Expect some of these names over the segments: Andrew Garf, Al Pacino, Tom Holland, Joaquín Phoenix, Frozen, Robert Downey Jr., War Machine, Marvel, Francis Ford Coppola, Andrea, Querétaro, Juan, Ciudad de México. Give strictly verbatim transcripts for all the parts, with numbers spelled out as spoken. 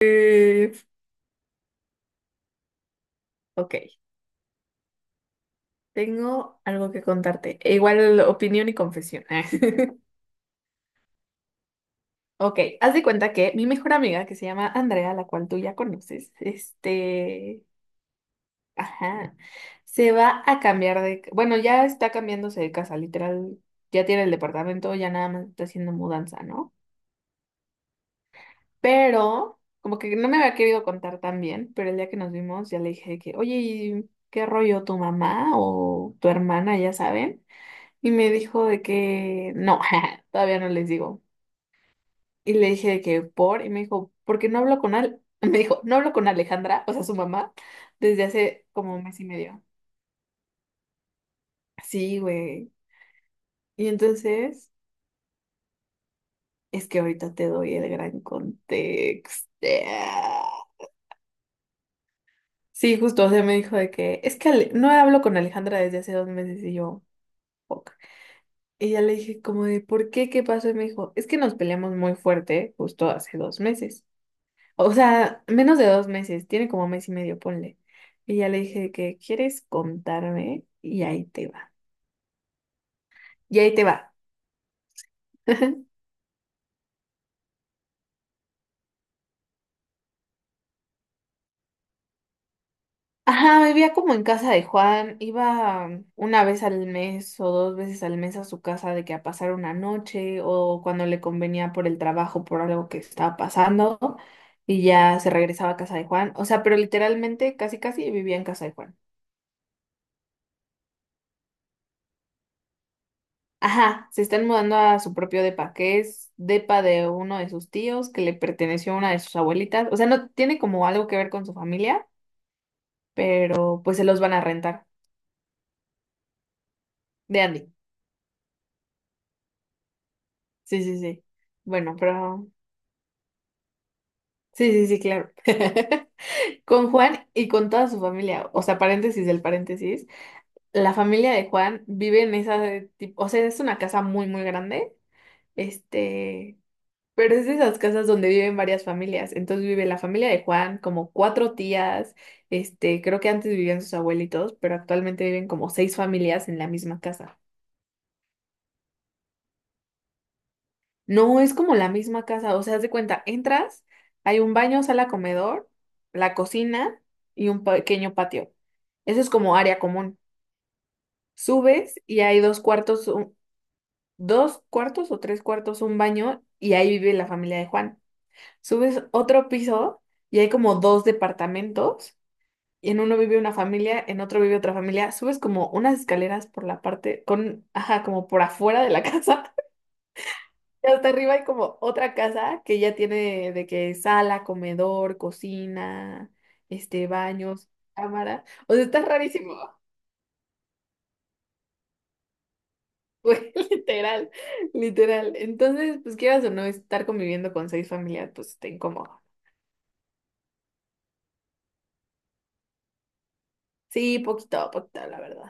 Eh, ok, tengo algo que contarte. E Igual opinión y confesión. Ok, haz de cuenta que mi mejor amiga, que se llama Andrea, la cual tú ya conoces, este, ajá, se va a cambiar de, bueno, ya está cambiándose de casa, literal, ya tiene el departamento, ya nada más está haciendo mudanza, ¿no? Pero, como que no me había querido contar tan bien, pero el día que nos vimos ya le dije que, oye, ¿y qué rollo tu mamá o tu hermana, ya saben? Y me dijo de que no, todavía no les digo. Y le dije de que por, y me dijo, ¿por qué no hablo con Al? Me dijo, no hablo con Alejandra, o sea, su mamá, desde hace como un mes y medio. Sí, güey. Y entonces, es que ahorita te doy el gran contexto. Sí, justo, o sea, me dijo de que es que Ale- no hablo con Alejandra desde hace dos meses y yo, fuck. Y ya le dije como de, ¿por qué? ¿Qué pasó? Y me dijo, es que nos peleamos muy fuerte justo hace dos meses. O sea, menos de dos meses, tiene como mes y medio, ponle. Y ya le dije que, ¿quieres contarme? Y ahí te va. Y ahí te va. Ajá, vivía como en casa de Juan, iba um, una vez al mes o dos veces al mes a su casa de que a pasar una noche o cuando le convenía por el trabajo, por algo que estaba pasando y ya se regresaba a casa de Juan. O sea, pero literalmente casi casi vivía en casa de Juan. Ajá, se están mudando a su propio depa, que es depa de uno de sus tíos que le perteneció a una de sus abuelitas. O sea, no tiene como algo que ver con su familia, pero pues se los van a rentar. De Andy. Sí, sí, sí. Bueno, pero... Sí, sí, sí, claro. Con Juan y con toda su familia. O sea, paréntesis del paréntesis. La familia de Juan vive en esa... de tip- O sea, es una casa muy, muy grande. Este... Pero es de esas casas donde viven varias familias. Entonces vive la familia de Juan, como cuatro tías. Este, creo que antes vivían sus abuelitos, pero actualmente viven como seis familias en la misma casa. No es como la misma casa. O sea, haz de cuenta, entras, hay un baño, sala, comedor, la cocina y un pequeño patio. Eso es como área común. Subes y hay dos cuartos, un- dos cuartos o tres cuartos, un baño, y ahí vive la familia de Juan. Subes otro piso y hay como dos departamentos. Y en uno vive una familia, en otro vive otra familia, subes como unas escaleras por la parte, con, ajá, como por afuera de la casa, y hasta arriba hay como otra casa que ya tiene de que sala, comedor, cocina, este, baños, cámara, o sea, está rarísimo, güey, literal, literal, entonces, pues quieras o no, estar conviviendo con seis familias, pues está incómodo, sí, poquito a poquito, la verdad.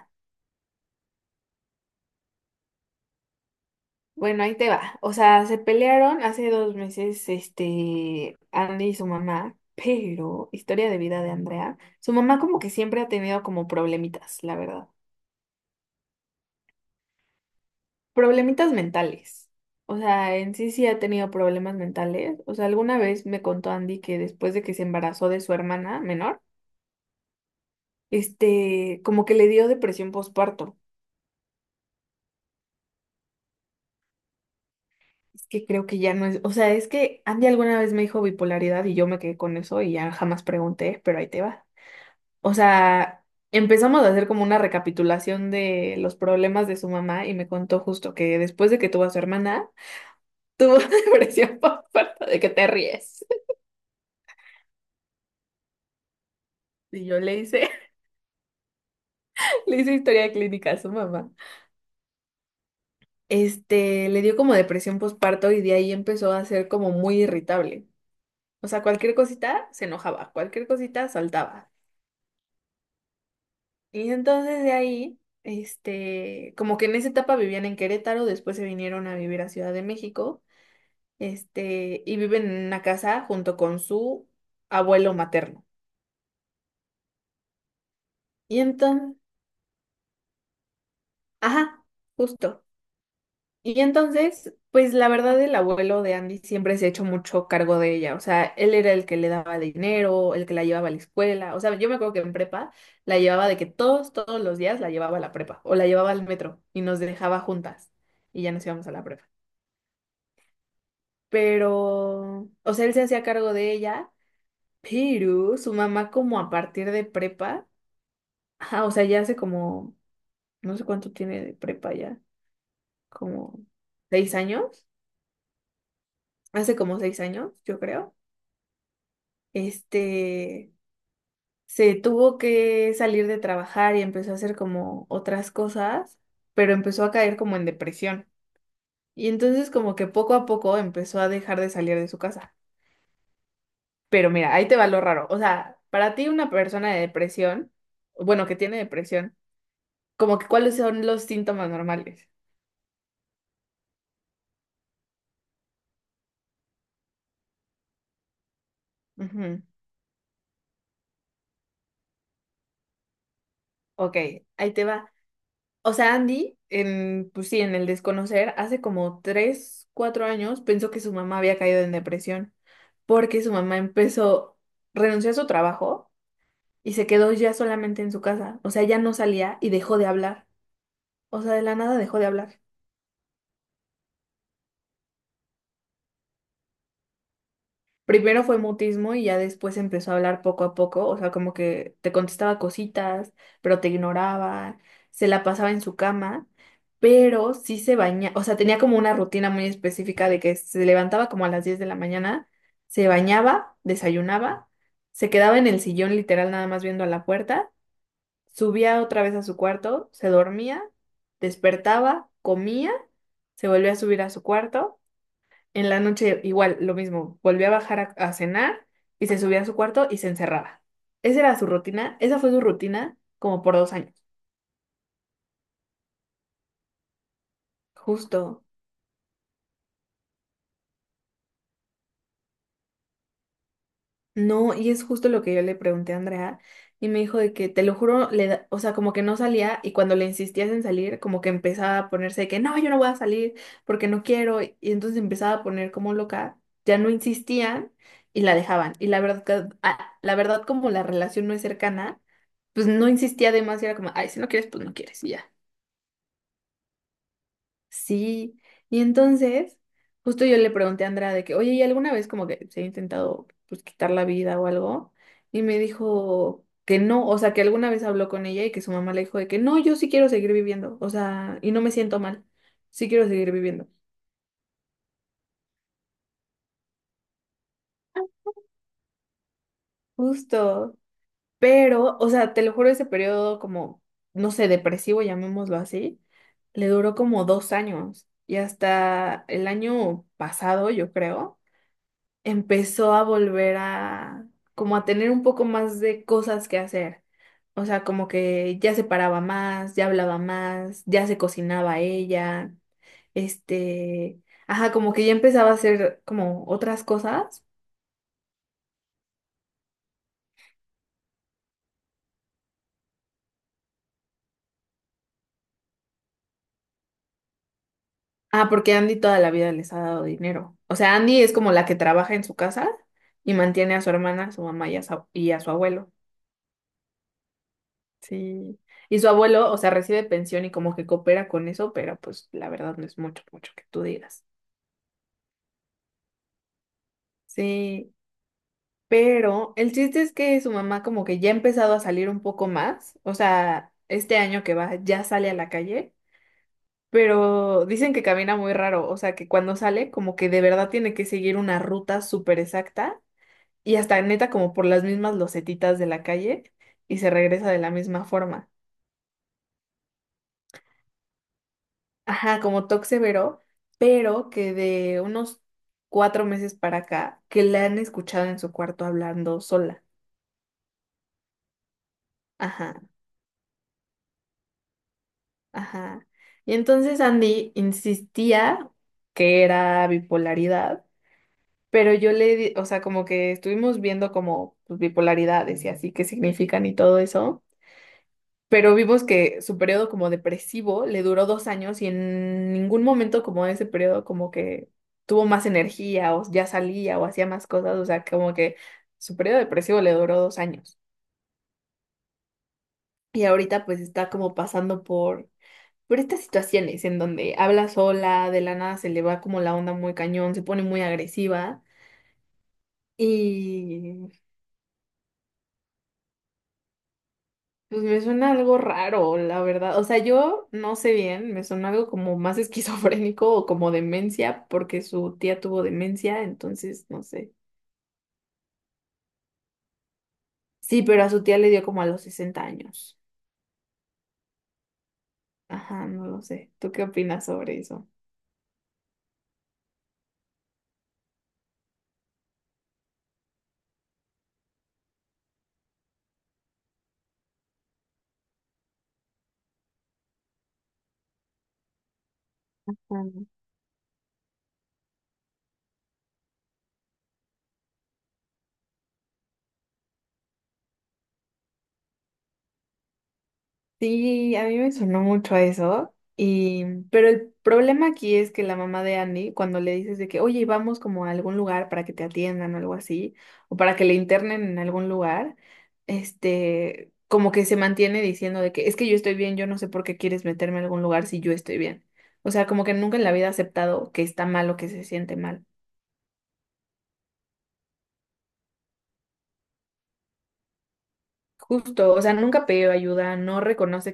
Bueno, ahí te va. O sea, se pelearon hace dos meses, este, Andy y su mamá, pero, historia de vida de Andrea, su mamá como que siempre ha tenido como problemitas, la verdad. Problemitas mentales. O sea, en sí sí ha tenido problemas mentales. O sea, alguna vez me contó Andy que después de que se embarazó de su hermana menor, este, como que le dio depresión postparto. Es que creo que ya no es, o sea, es que Andy alguna vez me dijo bipolaridad y yo me quedé con eso y ya jamás pregunté, pero ahí te va. O sea, empezamos a hacer como una recapitulación de los problemas de su mamá y me contó justo que después de que tuvo a su hermana, tuvo depresión por falta de que te ríes. Y yo le hice, le hice historia clínica a su mamá. Este, le dio como depresión postparto y de ahí empezó a ser como muy irritable. O sea, cualquier cosita se enojaba, cualquier cosita saltaba. Y entonces de ahí, este, como que en esa etapa vivían en Querétaro, después se vinieron a vivir a Ciudad de México. este, y viven en una casa junto con su abuelo materno. Y entonces, ajá, justo. Y entonces, pues la verdad, el abuelo de Andy siempre se ha hecho mucho cargo de ella. O sea, él era el que le daba dinero, el que la llevaba a la escuela. O sea, yo me acuerdo que en prepa la llevaba de que todos, todos los días la llevaba a la prepa o la llevaba al metro y nos dejaba juntas y ya nos íbamos a la prepa. Pero, o sea, él se hacía cargo de ella, pero su mamá como a partir de prepa... Ajá, o sea, ya hace como, no sé cuánto tiene de prepa ya, como seis años, hace como seis años, yo creo. Este, se tuvo que salir de trabajar y empezó a hacer como otras cosas, pero empezó a caer como en depresión. Y entonces como que poco a poco empezó a dejar de salir de su casa. Pero mira, ahí te va lo raro. O sea, para ti una persona de depresión, bueno, que tiene depresión, como que cuáles son los síntomas normales. Ujú. Ok, ahí te va. O sea, Andy, en, pues sí, en el desconocer, hace como tres, cuatro años pensó que su mamá había caído en depresión porque su mamá empezó, renunció a su trabajo y se quedó ya solamente en su casa. O sea, ya no salía y dejó de hablar. O sea, de la nada dejó de hablar. Primero fue mutismo y ya después empezó a hablar poco a poco, o sea, como que te contestaba cositas, pero te ignoraba, se la pasaba en su cama, pero sí se bañaba, o sea, tenía como una rutina muy específica de que se levantaba como a las diez de la mañana, se bañaba, desayunaba, se quedaba en el sillón literal nada más viendo a la puerta, subía otra vez a su cuarto, se dormía, despertaba, comía, se volvía a subir a su cuarto en la noche igual, lo mismo, volvía a bajar a, a cenar y se subía a su cuarto y se encerraba. Esa era su rutina, esa fue su rutina como por dos años. Justo. No, y es justo lo que yo le pregunté a Andrea y me dijo de que, te lo juro, le da- o sea, como que no salía y cuando le insistías en salir, como que empezaba a ponerse de que, no, yo no voy a salir porque no quiero y entonces empezaba a poner como loca, ya no insistían y la dejaban. Y la verdad, que- ah, la verdad como la relación no es cercana. Pues no insistía de más y era como, ay, si no quieres, pues no quieres, y ya. Sí. Y entonces, justo yo le pregunté a Andrea de que, oye, ¿y alguna vez como que se ha intentado pues quitar la vida o algo? Y me dijo que no, o sea, que alguna vez habló con ella y que su mamá le dijo de que no, yo sí quiero seguir viviendo, o sea, y no me siento mal, sí quiero seguir viviendo. Justo. Pero, o sea, te lo juro, ese periodo como, no sé, depresivo, llamémoslo así, le duró como dos años. Y hasta el año pasado, yo creo, empezó a volver a, como a tener un poco más de cosas que hacer. O sea, como que ya se paraba más, ya hablaba más, ya se cocinaba ella, este, ajá, como que ya empezaba a hacer como otras cosas. Ah, porque Andy toda la vida les ha dado dinero. O sea, Andy es como la que trabaja en su casa y mantiene a su hermana, a su mamá y a su, y a su abuelo. Sí. Y su abuelo, o sea, recibe pensión y como que coopera con eso, pero pues la verdad no es mucho, mucho que tú digas. Sí. Pero el chiste es que su mamá como que ya ha empezado a salir un poco más. O sea, este año que va ya sale a la calle, pero dicen que camina muy raro. O sea, que cuando sale como que de verdad tiene que seguir una ruta súper exacta y hasta neta como por las mismas losetitas de la calle y se regresa de la misma forma. Ajá, como Toxevero, pero que de unos cuatro meses para acá, que la han escuchado en su cuarto hablando sola. Ajá, ajá. Y entonces Andy insistía que era bipolaridad, pero yo le di, o sea, como que estuvimos viendo como pues, bipolaridades y así qué significan y todo eso. Pero vimos que su periodo como depresivo le duró dos años y en ningún momento como de ese periodo como que tuvo más energía o ya salía o hacía más cosas, o sea, como que su periodo depresivo le duró dos años. Y ahorita pues está como pasando por, por estas situaciones en donde habla sola, de la nada se le va como la onda muy cañón, se pone muy agresiva. Y pues me suena algo raro, la verdad. O sea, yo no sé bien, me suena algo como más esquizofrénico o como demencia, porque su tía tuvo demencia, entonces no sé. Sí, pero a su tía le dio como a los sesenta años. Ajá, no lo sé. ¿Tú qué opinas sobre eso? Sí, a mí me sonó mucho a eso. Y pero el problema aquí es que la mamá de Andy, cuando le dices de que, oye, vamos como a algún lugar para que te atiendan o algo así, o para que le internen en algún lugar, este, como que se mantiene diciendo de que es que yo estoy bien, yo no sé por qué quieres meterme a algún lugar si yo estoy bien. O sea, como que nunca en la vida ha aceptado que está mal o que se siente mal. Justo, o sea, nunca pidió ayuda, no reconoce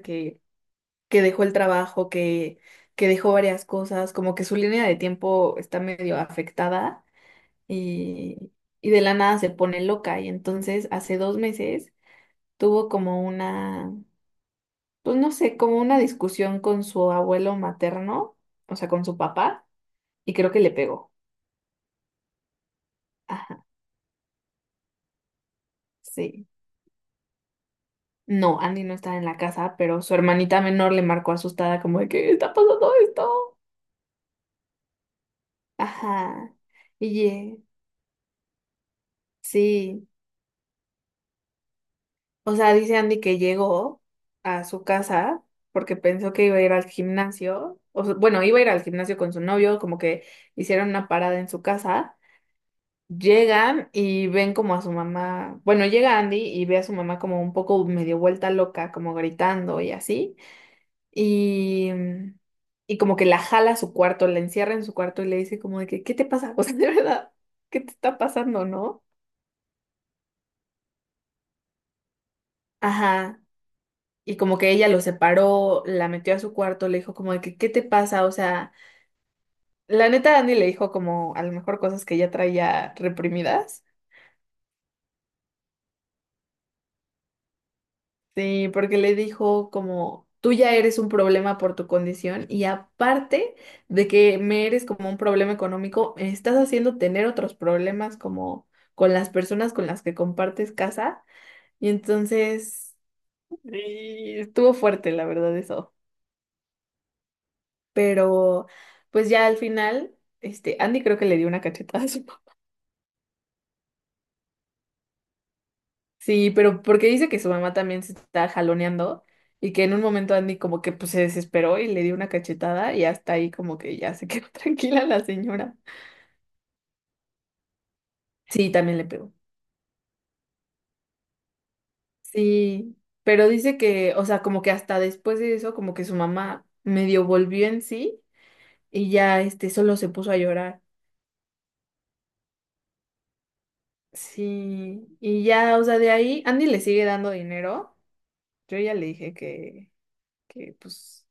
que dejó el trabajo, que, que dejó varias cosas, como que su línea de tiempo está medio afectada y, y de la nada se pone loca. Y entonces hace dos meses tuvo como una, pues no sé, como una discusión con su abuelo materno, o sea, con su papá, y creo que le pegó. Ajá, sí. No, Andy no estaba en la casa, pero su hermanita menor le marcó asustada como de, ¿qué está pasando esto? Ajá. Y eh, sí. O sea, dice Andy que llegó a su casa porque pensó que iba a ir al gimnasio. O sea, bueno, iba a ir al gimnasio con su novio, como que hicieron una parada en su casa. Llegan y ven como a su mamá. Bueno, llega Andy y ve a su mamá como un poco medio vuelta loca, como gritando y así. Y, y como que la jala a su cuarto, la encierra en su cuarto y le dice como de que, ¿qué te pasa? O sea, de verdad, ¿qué te está pasando, no? Ajá. Y como que ella lo separó, la metió a su cuarto, le dijo como de que, ¿qué te pasa? O sea, la neta Andy le dijo como a lo mejor cosas que ella traía reprimidas. Sí, porque le dijo como, tú ya eres un problema por tu condición y aparte de que me eres como un problema económico, me estás haciendo tener otros problemas como con las personas con las que compartes casa. Y entonces, y estuvo fuerte, la verdad, eso. Pero pues ya al final, este, Andy creo que le dio una cachetada a su papá. Sí, pero porque dice que su mamá también se está jaloneando y que en un momento Andy como que pues se desesperó y le dio una cachetada y hasta ahí como que ya se quedó tranquila la señora. Sí, también le pegó. Sí, pero dice que, o sea, como que hasta después de eso, como que su mamá medio volvió en sí y ya este solo se puso a llorar. Sí, y ya, o sea, de ahí Andy le sigue dando dinero. Yo ya le dije que que pues,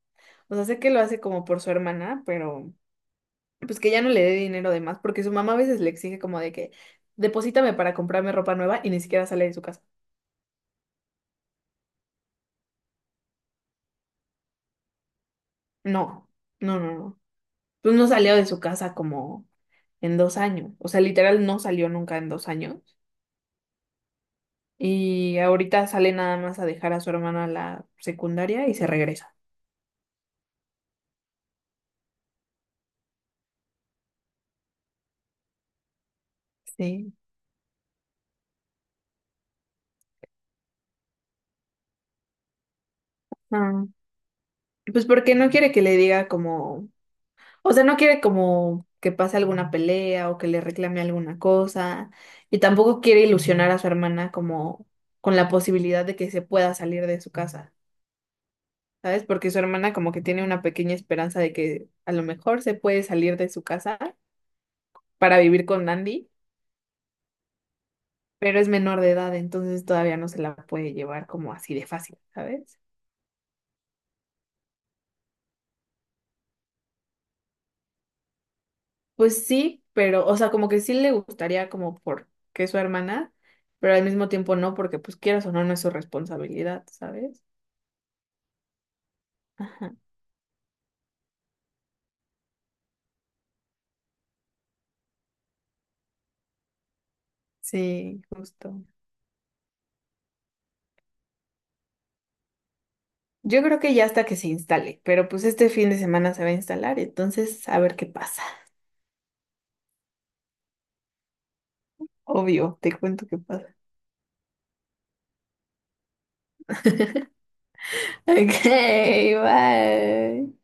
o sea, sé que lo hace como por su hermana, pero pues que ya no le dé dinero de más, porque su mamá a veces le exige como de que deposítame para comprarme ropa nueva y ni siquiera sale de su casa. No, no, no, no. Pues no salió de su casa como en dos años, o sea, literal no salió nunca en dos años y ahorita sale nada más a dejar a su hermana a la secundaria y se regresa. Sí. Ah, pues porque no quiere que le diga como... O sea, no quiere como que pase alguna pelea o que le reclame alguna cosa. Y tampoco quiere ilusionar a su hermana como con la posibilidad de que se pueda salir de su casa, ¿sabes? Porque su hermana como que tiene una pequeña esperanza de que a lo mejor se puede salir de su casa para vivir con Andy, pero es menor de edad, entonces todavía no se la puede llevar como así de fácil, ¿sabes? Pues sí, pero, o sea, como que sí le gustaría como porque es su hermana, pero al mismo tiempo no, porque pues quieras o no, no es su responsabilidad, ¿sabes? Ajá. Sí, justo. Yo creo que ya hasta que se instale, pero pues este fin de semana se va a instalar, entonces a ver qué pasa. Obvio, te cuento qué pasa. Ok, bye.